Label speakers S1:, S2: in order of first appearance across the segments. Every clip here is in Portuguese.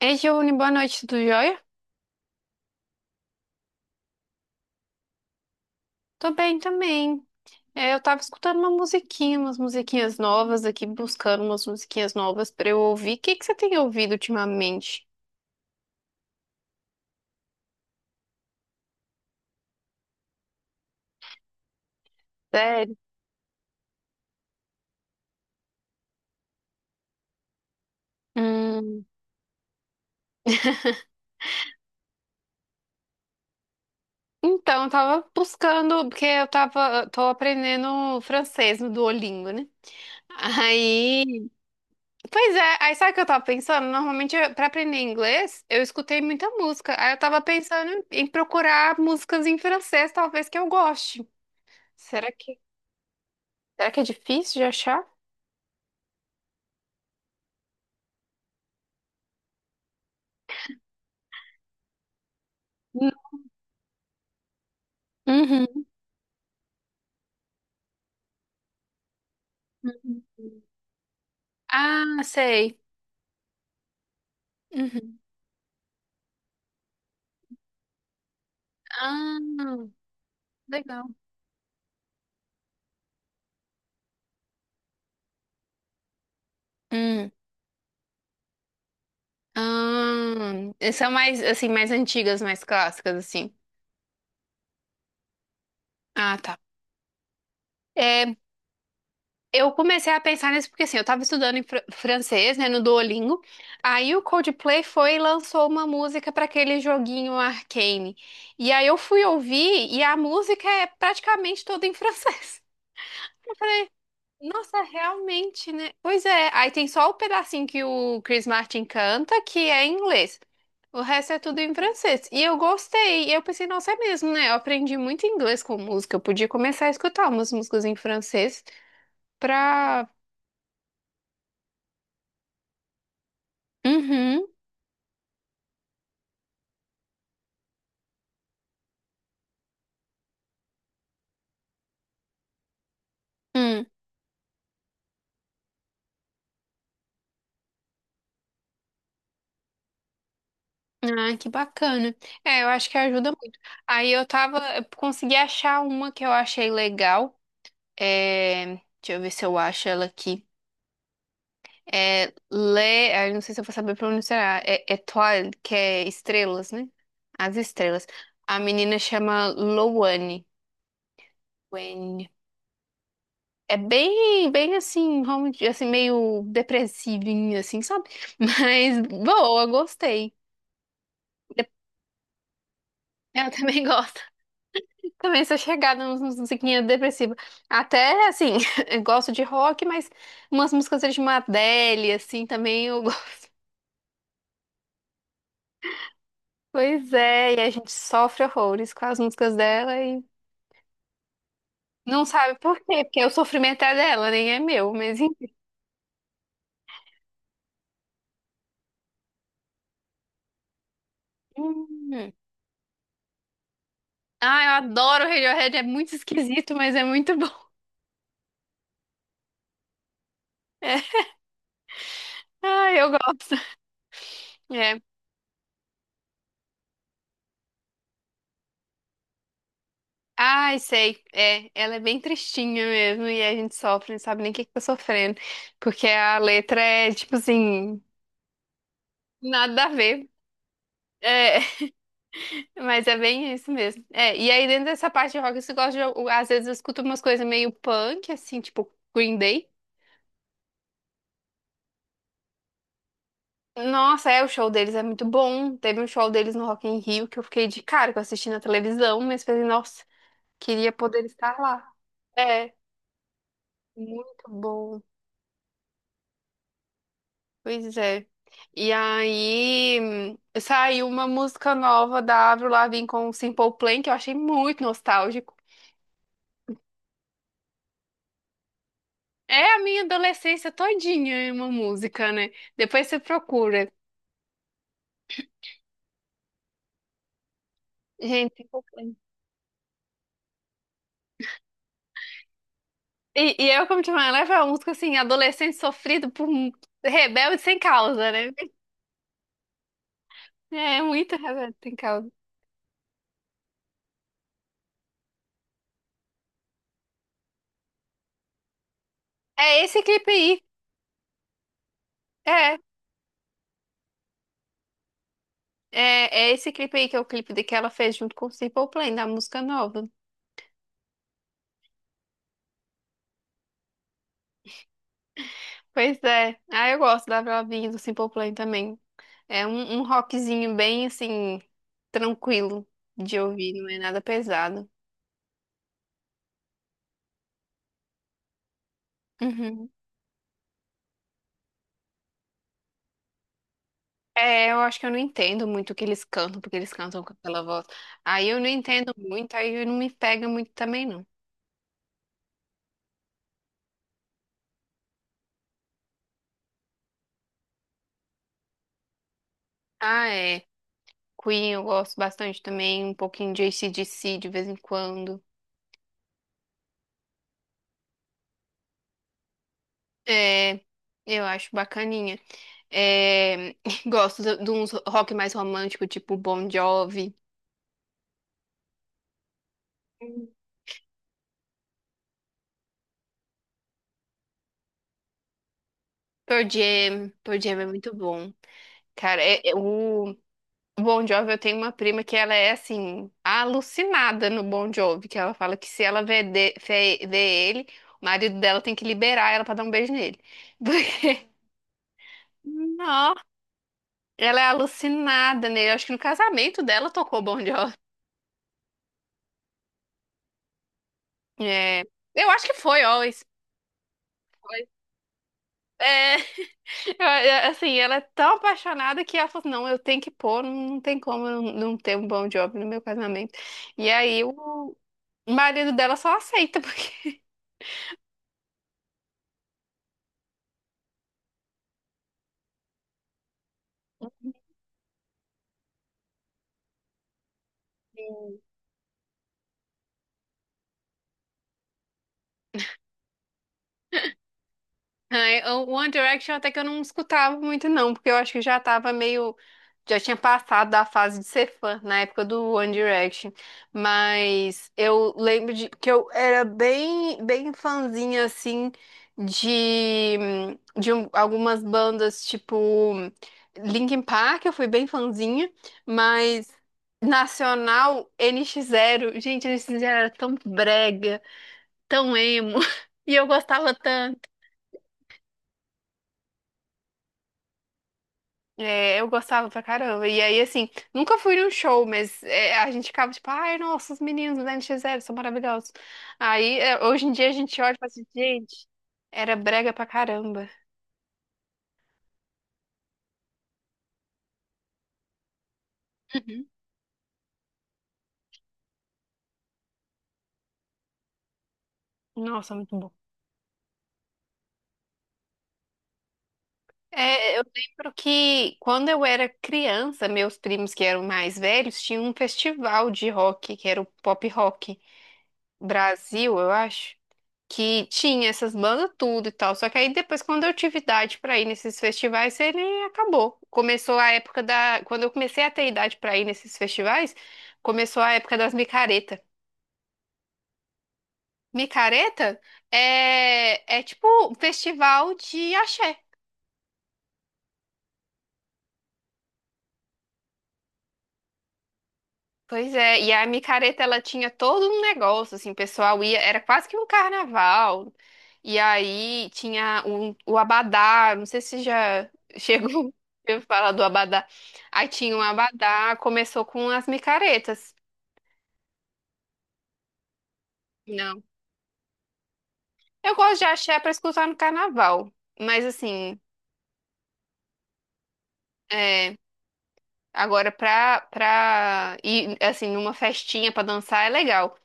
S1: Ei, Giovanni, boa noite, tudo jóia? Tô bem também. É, eu tava escutando uma musiquinha, umas musiquinhas novas aqui, buscando umas musiquinhas novas pra eu ouvir. O que que você tem ouvido ultimamente? Sério? Hum, então, eu tava buscando, porque eu tava, tô aprendendo francês no Duolingo, né? Aí, pois é, aí sabe o que eu tava pensando? Normalmente, pra aprender inglês, eu escutei muita música. Aí eu tava pensando em procurar músicas em francês, talvez que eu goste. Será que Será que é difícil de achar? Hum. Uhum. Uhum. Ah, sei. Uhum. Ah, legal. Hum. Ah, são mais, assim, mais antigas, mais clássicas, assim. Ah, tá. É, eu comecei a pensar nisso porque, assim, eu tava estudando em francês, né, no Duolingo. Aí o Coldplay foi e lançou uma música para aquele joguinho Arcane. E aí eu fui ouvir e a música é praticamente toda em francês. Nossa, realmente, né? Pois é, aí tem só o pedacinho que o Chris Martin canta, que é em inglês. O resto é tudo em francês. E eu gostei. E eu pensei, nossa, é mesmo, né? Eu aprendi muito inglês com música. Eu podia começar a escutar umas músicas em francês pra. Uhum. Hum. Ah, que bacana. É, eu acho que ajuda muito. Aí eu tava. Eu consegui achar uma que eu achei legal. Deixa eu ver se eu acho ela aqui. É, Le, ah, eu não sei se eu vou saber pronunciar. É, que é estrelas, né? As estrelas. A menina chama Loane. Wen. É bem, bem assim, assim, meio depressivinho assim, sabe? Mas boa, gostei. De- Eu também gosto. Também sou chegada nas musiquinhas depressivas. Até, assim, eu gosto de rock, mas umas músicas de uma Adele, assim, também eu gosto. Pois é, e a gente sofre horrores com as músicas dela. Não sabe por quê, porque o sofrimento é dela, nem é meu, mas enfim. Hum. Ah, eu adoro o Radiohead, é muito esquisito, mas é muito bom. É. Ah, eu gosto. É. Ai, sei. É, ela é bem tristinha mesmo, e a gente sofre, não sabe nem o que que tá sofrendo. Porque a letra é, tipo assim, nada a ver. É, mas é bem isso mesmo. É, e aí dentro dessa parte de rock, você gosta de, às vezes eu escuto umas coisas meio punk, assim, tipo Green Day. Nossa, é, o show deles é muito bom. Teve um show deles no Rock in Rio que eu fiquei de cara, que eu assisti na televisão, mas falei, nossa, queria poder estar lá. É, muito bom. Pois é. E aí saiu uma música nova da Avril Lavigne com o Simple Plan, que eu achei muito nostálgico. É a minha adolescência todinha, é uma música, né? Depois você procura. Gente, Simple Plan. E, eu, como te falei, ela é uma música assim, adolescente sofrido por um rebelde sem causa, né? É, muita razão tem causa. É esse clipe aí. É, é, esse clipe aí que é o clipe de que ela fez junto com o Simple Plan, da música nova. Pois é. Ah, eu gosto da Avril Lavigne e do Simple Plan também. É um rockzinho bem, assim, tranquilo de ouvir, não é nada pesado. Uhum. É, eu acho que eu não entendo muito o que eles cantam, porque eles cantam com aquela voz. Aí eu não entendo muito, aí não me pega muito também, não. Ah, é. Queen eu gosto bastante também, um pouquinho de CDC de vez em quando. É, eu acho bacaninha. É, gosto de uns rock mais romântico, tipo Bon Jovi. Pearl Jam. Pearl Jam é muito bom. Cara, é o Bon Jovi, eu tenho uma prima que ela é, assim, alucinada no Bon Jovi, que ela fala que se ela vê, vê ele, o marido dela tem que liberar ela pra dar um beijo nele. Porque, não, ela é alucinada nele. Eu acho que no casamento dela tocou Bon Jovi. É, eu acho que foi Always. Foi. É. Assim, ela é tão apaixonada que ela falou, assim, não, eu tenho que pôr, não não tem como eu não ter um bom job no meu casamento. E aí o marido dela só aceita, porque... É, o One Direction até que eu não escutava muito, não, porque eu acho que já tava meio. Já tinha passado da fase de ser fã na época do One Direction. Mas eu lembro de que eu era bem, bem fãzinha, assim, de, de algumas bandas, tipo Linkin Park, eu fui bem fãzinha, mas Nacional, N NX Zero. Gente, N NX Zero era tão brega, tão emo, e eu gostava tanto. É, eu gostava pra caramba. E aí, assim, nunca fui num show, mas é, a gente ficava tipo, ai, nossa, os meninos do NX Zero são maravilhosos. Aí, é, hoje em dia a gente olha e fala assim, gente, era brega pra caramba. Uhum. Nossa, muito bom. É, eu lembro que quando eu era criança, meus primos que eram mais velhos tinham um festival de rock, que era o Pop Rock Brasil, eu acho. Que tinha essas bandas tudo e tal. Só que aí depois, quando eu tive idade pra ir nesses festivais, ele acabou. Começou a época da. Quando eu comecei a ter idade pra ir nesses festivais, começou a época das micareta. Micareta é tipo um festival de axé. Pois é, e a micareta ela tinha todo um negócio, assim, o pessoal ia, era quase que um carnaval. E aí tinha o abadá, não sei se já chegou a falar do abadá. Aí tinha um abadá, começou com as micaretas. Não. Eu gosto de axé para escutar no carnaval, mas assim, é, agora pra, ir, assim, numa festinha pra dançar é legal.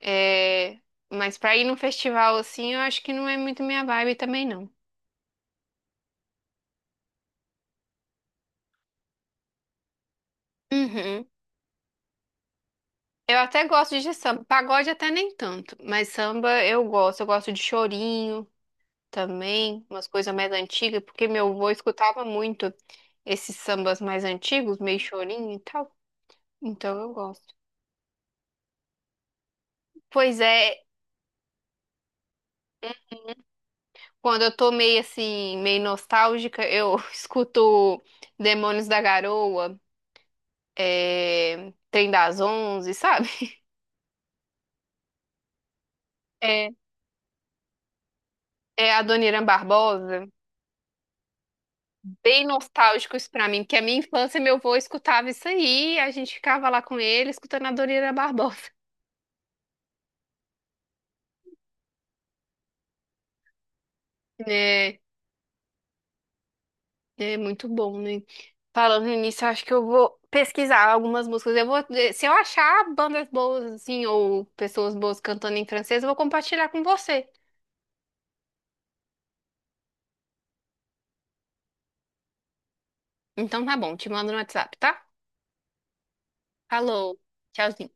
S1: É, mas pra ir num festival assim, eu acho que não é muito minha vibe também, não. Uhum. Eu até gosto de samba. Pagode até nem tanto, mas samba eu gosto. Eu gosto de chorinho também, umas coisas mais antigas, porque meu avô escutava muito esses sambas mais antigos, meio chorinho e tal. Então eu gosto. Pois é, quando eu tô meio assim, meio nostálgica, eu escuto Demônios da Garoa, Trem das Onze, sabe? É, é, a Dona Irã Barbosa. Bem nostálgicos pra mim, porque a minha infância, meu avô escutava isso aí, a gente ficava lá com ele, escutando a Doriana Barbosa. É, é muito bom, né? Falando nisso, eu acho que eu vou pesquisar algumas músicas. Eu vou, se eu achar bandas boas, assim, ou pessoas boas cantando em francês, eu vou compartilhar com você. Então tá bom, te mando no WhatsApp, tá? Falou, tchauzinho.